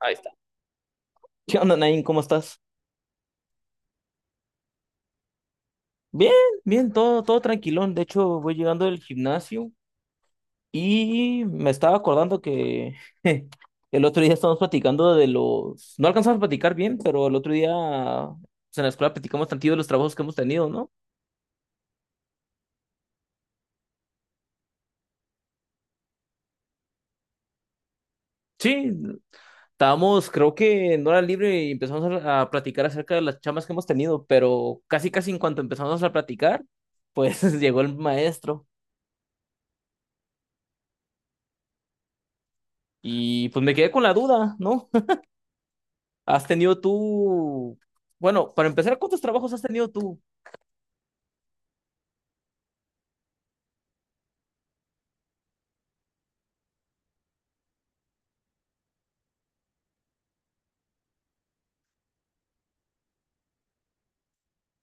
Ahí está. ¿Qué onda, Nain? ¿Cómo estás? Bien, bien, todo tranquilón. De hecho, voy llegando del gimnasio y me estaba acordando que el otro día estábamos platicando de los... No alcanzamos a platicar bien, pero el otro día pues, en la escuela platicamos tantillo de los trabajos que hemos tenido, ¿no? Sí, estábamos, creo que en hora libre y empezamos a platicar acerca de las chamas que hemos tenido, pero casi en cuanto empezamos a platicar, pues llegó el maestro y pues me quedé con la duda, ¿no? ¿Has tenido tú, bueno, para empezar, ¿cuántos trabajos has tenido tú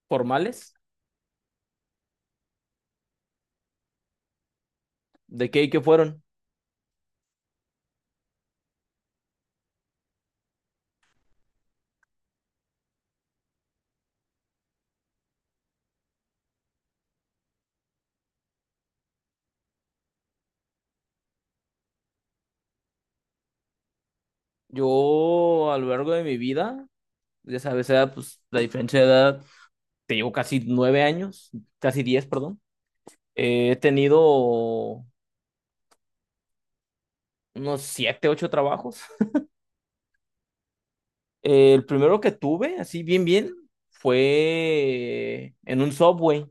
formales? ¿De qué y qué fueron? Yo a lo largo de mi vida, ya sabes, era pues la diferencia de edad, te llevo casi nueve años, casi diez, perdón. He tenido unos siete, ocho trabajos. El primero que tuve, así bien, bien, fue en un Subway.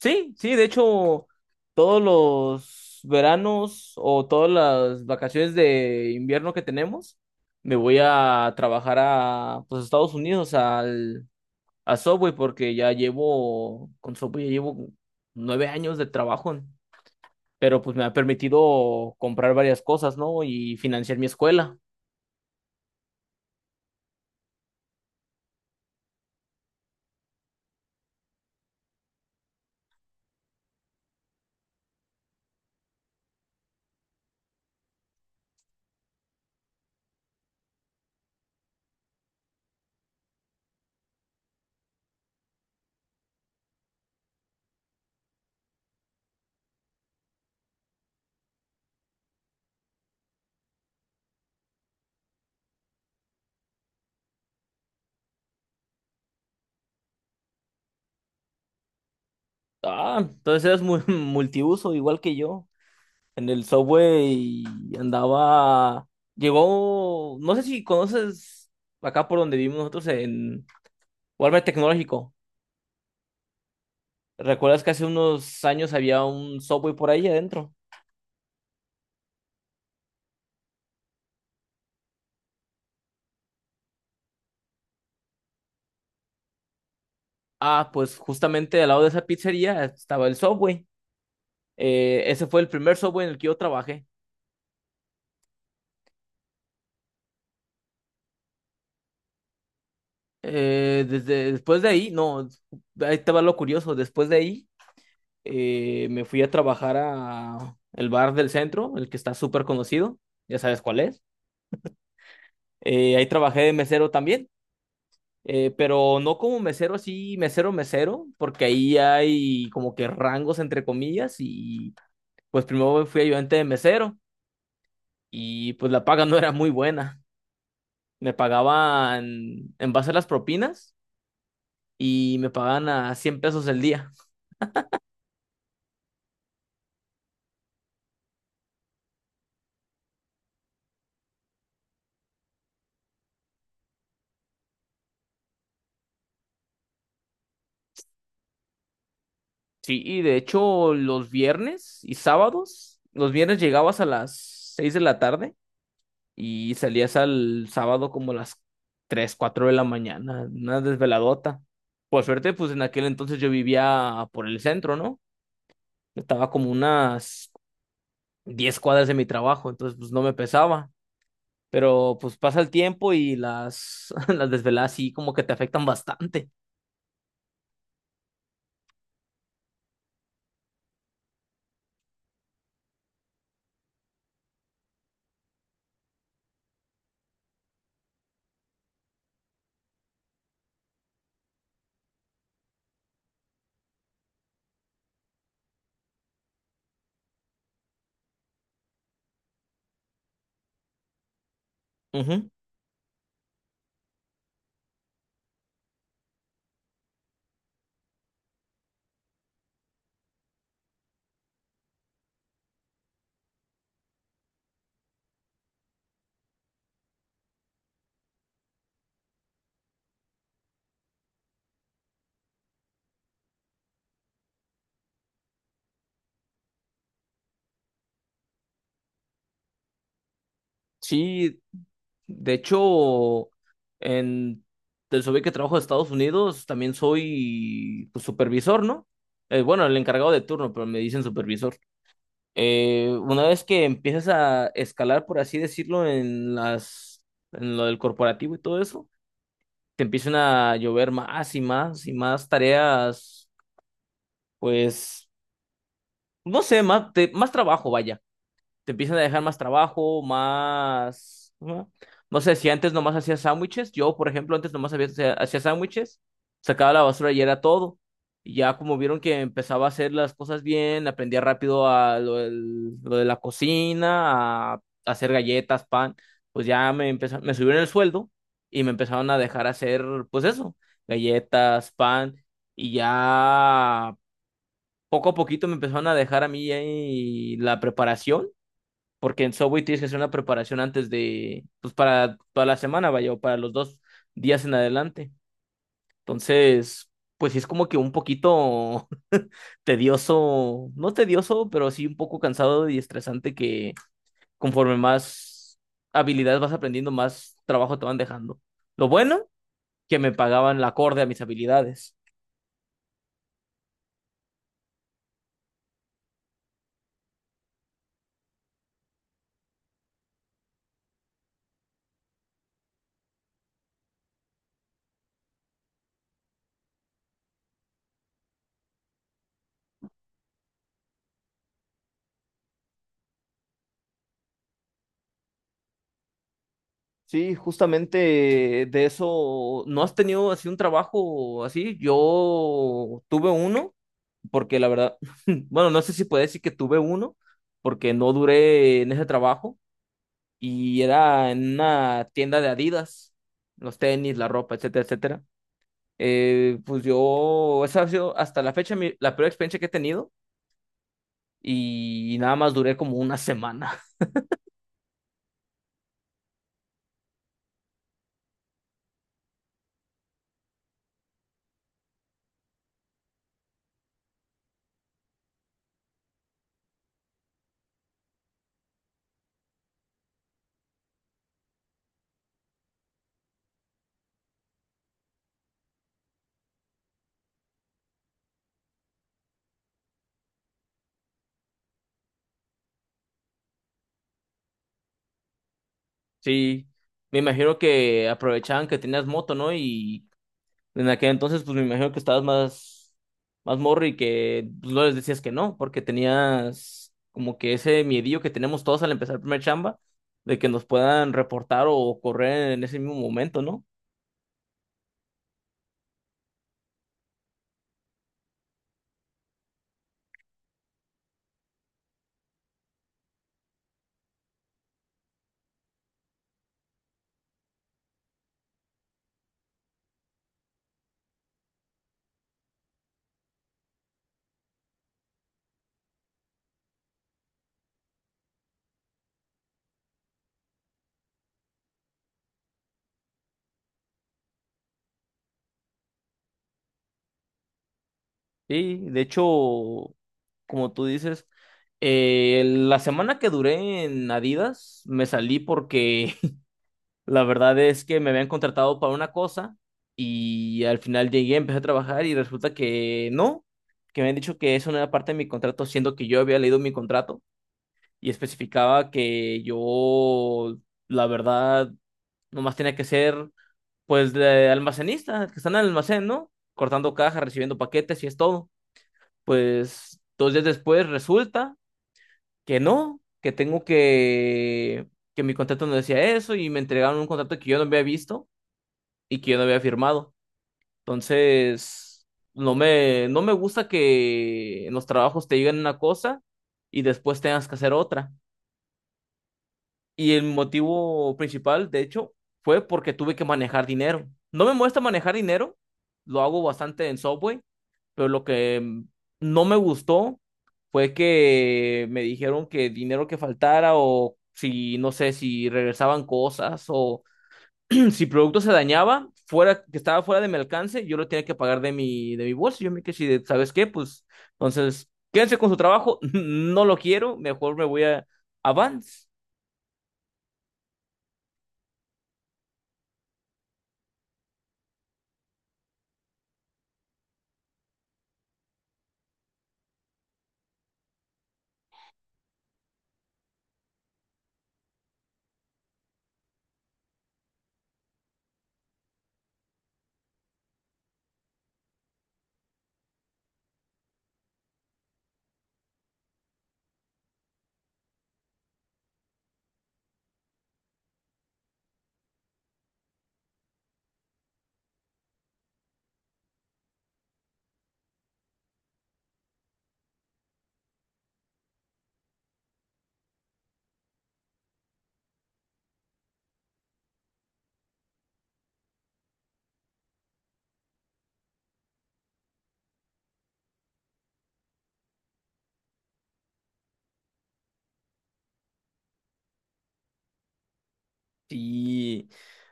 Sí, sí, de hecho, todos los veranos o todas las vacaciones de invierno que tenemos, me voy a trabajar a, pues, Estados Unidos, al, a Subway, porque ya llevo, con Subway ya llevo nueve años de trabajo, pero pues me ha permitido comprar varias cosas, ¿no? Y financiar mi escuela. Ah, entonces eres muy multiuso, igual que yo. En el Subway y andaba, llegó, no sé si conoces acá por donde vivimos nosotros en Walmart Tecnológico. ¿Recuerdas que hace unos años había un Subway por ahí adentro? Ah, pues justamente al lado de esa pizzería estaba el Subway. Ese fue el primer Subway en el que yo trabajé. Desde después de ahí, no, ahí te va lo curioso, después de ahí me fui a trabajar a el bar del centro, el que está súper conocido, ya sabes cuál es. Ahí trabajé de mesero también, pero no como mesero así, mesero, mesero, porque ahí hay como que rangos entre comillas y pues primero fui ayudante de mesero y pues la paga no era muy buena. Me pagaban en base a las propinas y me pagaban a 100 pesos el día. Sí, y de hecho los viernes y sábados, los viernes llegabas a las 6 de la tarde y salías al sábado como a las 3 4 de la mañana, una desveladota. Por suerte, pues en aquel entonces yo vivía por el centro, ¿no? Estaba como unas 10 cuadras de mi trabajo, entonces pues no me pesaba. Pero pues pasa el tiempo y las, las desveladas sí como que te afectan bastante. Ujú. Sí, de hecho, en del SOBI que trabajo de Estados Unidos, también soy pues, supervisor, ¿no? Bueno, el encargado de turno, pero me dicen supervisor. Una vez que empiezas a escalar, por así decirlo, en las, en lo del corporativo y todo eso, te empiezan a llover más y más y más tareas, pues, no sé, más, te- más trabajo, vaya te empiezan a dejar más trabajo, más... ¿no? No sé, si antes nomás hacía sándwiches, yo, por ejemplo, antes nomás había- hacía sándwiches, sacaba la basura y era todo. Y ya como vieron que empezaba a hacer las cosas bien, aprendía rápido a lo, del- lo de la cocina, a hacer galletas, pan, pues ya me empezó, me subieron el sueldo y me empezaron a dejar hacer, pues eso, galletas, pan, y ya poco a poquito me empezaron a dejar a mí ahí la preparación porque en Subway tienes que hacer una preparación antes de, pues para toda la semana, vaya, o para los dos días en adelante. Entonces, pues sí es como que un poquito tedioso, no tedioso, pero sí un poco cansado y estresante que conforme más habilidades vas aprendiendo, más trabajo te van dejando. Lo bueno, que me pagaban la acorde a mis habilidades. Sí, justamente de eso, ¿no has tenido así un trabajo así? Yo tuve uno porque la verdad, bueno, no sé si puedo decir que tuve uno, porque no duré en ese trabajo y era en una tienda de Adidas, los tenis, la ropa, etcétera, etcétera. Pues yo, esa ha sido hasta la fecha mi- la peor experiencia que he tenido y nada más duré como una semana. Sí, me imagino que aprovechaban que tenías moto, ¿no? Y en aquel entonces, pues me imagino que estabas más, más morro y que pues, no les decías que no, porque tenías como que ese miedillo que tenemos todos al empezar el primer chamba, de que nos puedan reportar o correr en ese mismo momento, ¿no? Sí, de hecho, como tú dices, la semana que duré en Adidas, me salí porque la verdad es que me habían contratado para una cosa y al final llegué, empecé a trabajar y resulta que no, que me han dicho que eso no era parte de mi contrato, siendo que yo había leído mi contrato y especificaba que yo, la verdad, nomás tenía que ser pues de almacenista, que está en el almacén, ¿no? Cortando cajas, recibiendo paquetes y es todo. Pues dos días después resulta que no, que tengo que mi contrato no decía eso y me entregaron un contrato que yo no había visto y que yo no había firmado. Entonces, no me gusta que en los trabajos te digan una cosa y después tengas que hacer otra. Y el motivo principal, de hecho, fue porque tuve que manejar dinero. No me molesta manejar dinero, lo hago bastante en Subway, pero lo que no me gustó fue que me dijeron que dinero que faltara o si, no sé, si regresaban cosas o si el producto se dañaba, fuera, que estaba fuera de mi alcance, yo lo tenía que pagar de mi bolsa. Yo me quedé, así de, ¿sabes qué? Pues entonces, quédense con su trabajo, no lo quiero, mejor me voy a Avance. Y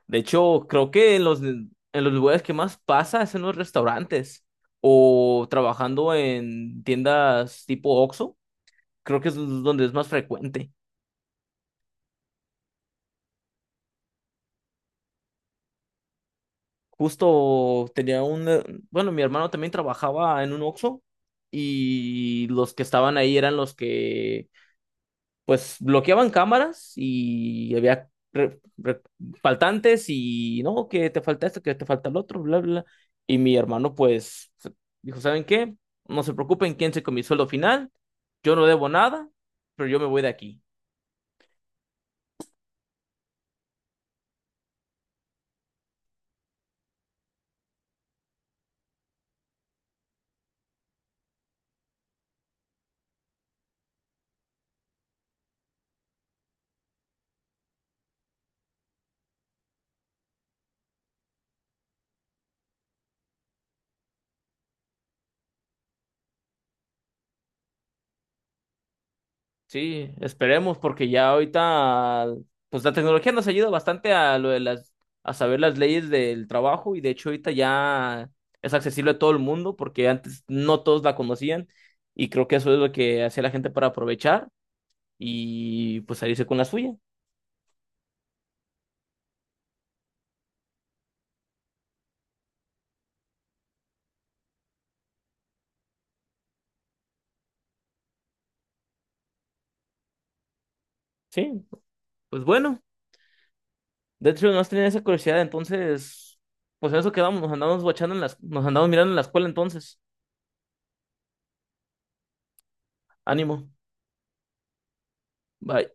de hecho, creo que en los lugares que más pasa es en los restaurantes o trabajando en tiendas tipo Oxxo, creo que es donde es más frecuente. Justo tenía un, bueno, mi hermano también trabajaba en un Oxxo y los que estaban ahí eran los que, pues, bloqueaban cámaras y había re- re- faltantes y, no, que te falta esto, que te falta el otro, bla, bla. Y mi hermano, pues, se- dijo, ¿saben qué? No se preocupen, ¿quién se comió el sueldo final? Yo no debo nada, pero yo me voy de aquí. Sí, esperemos, porque ya ahorita, pues la tecnología nos ayuda bastante a lo de las, a saber las leyes del trabajo, y de hecho ahorita ya es accesible a todo el mundo, porque antes no todos la conocían, y creo que eso es lo que hacía la gente para aprovechar y pues salirse con la suya. Sí, pues bueno, de hecho no tenía esa curiosidad, entonces, pues en eso quedamos, nos andamos guachando en las, nos andamos mirando en la escuela entonces. Ánimo. Bye.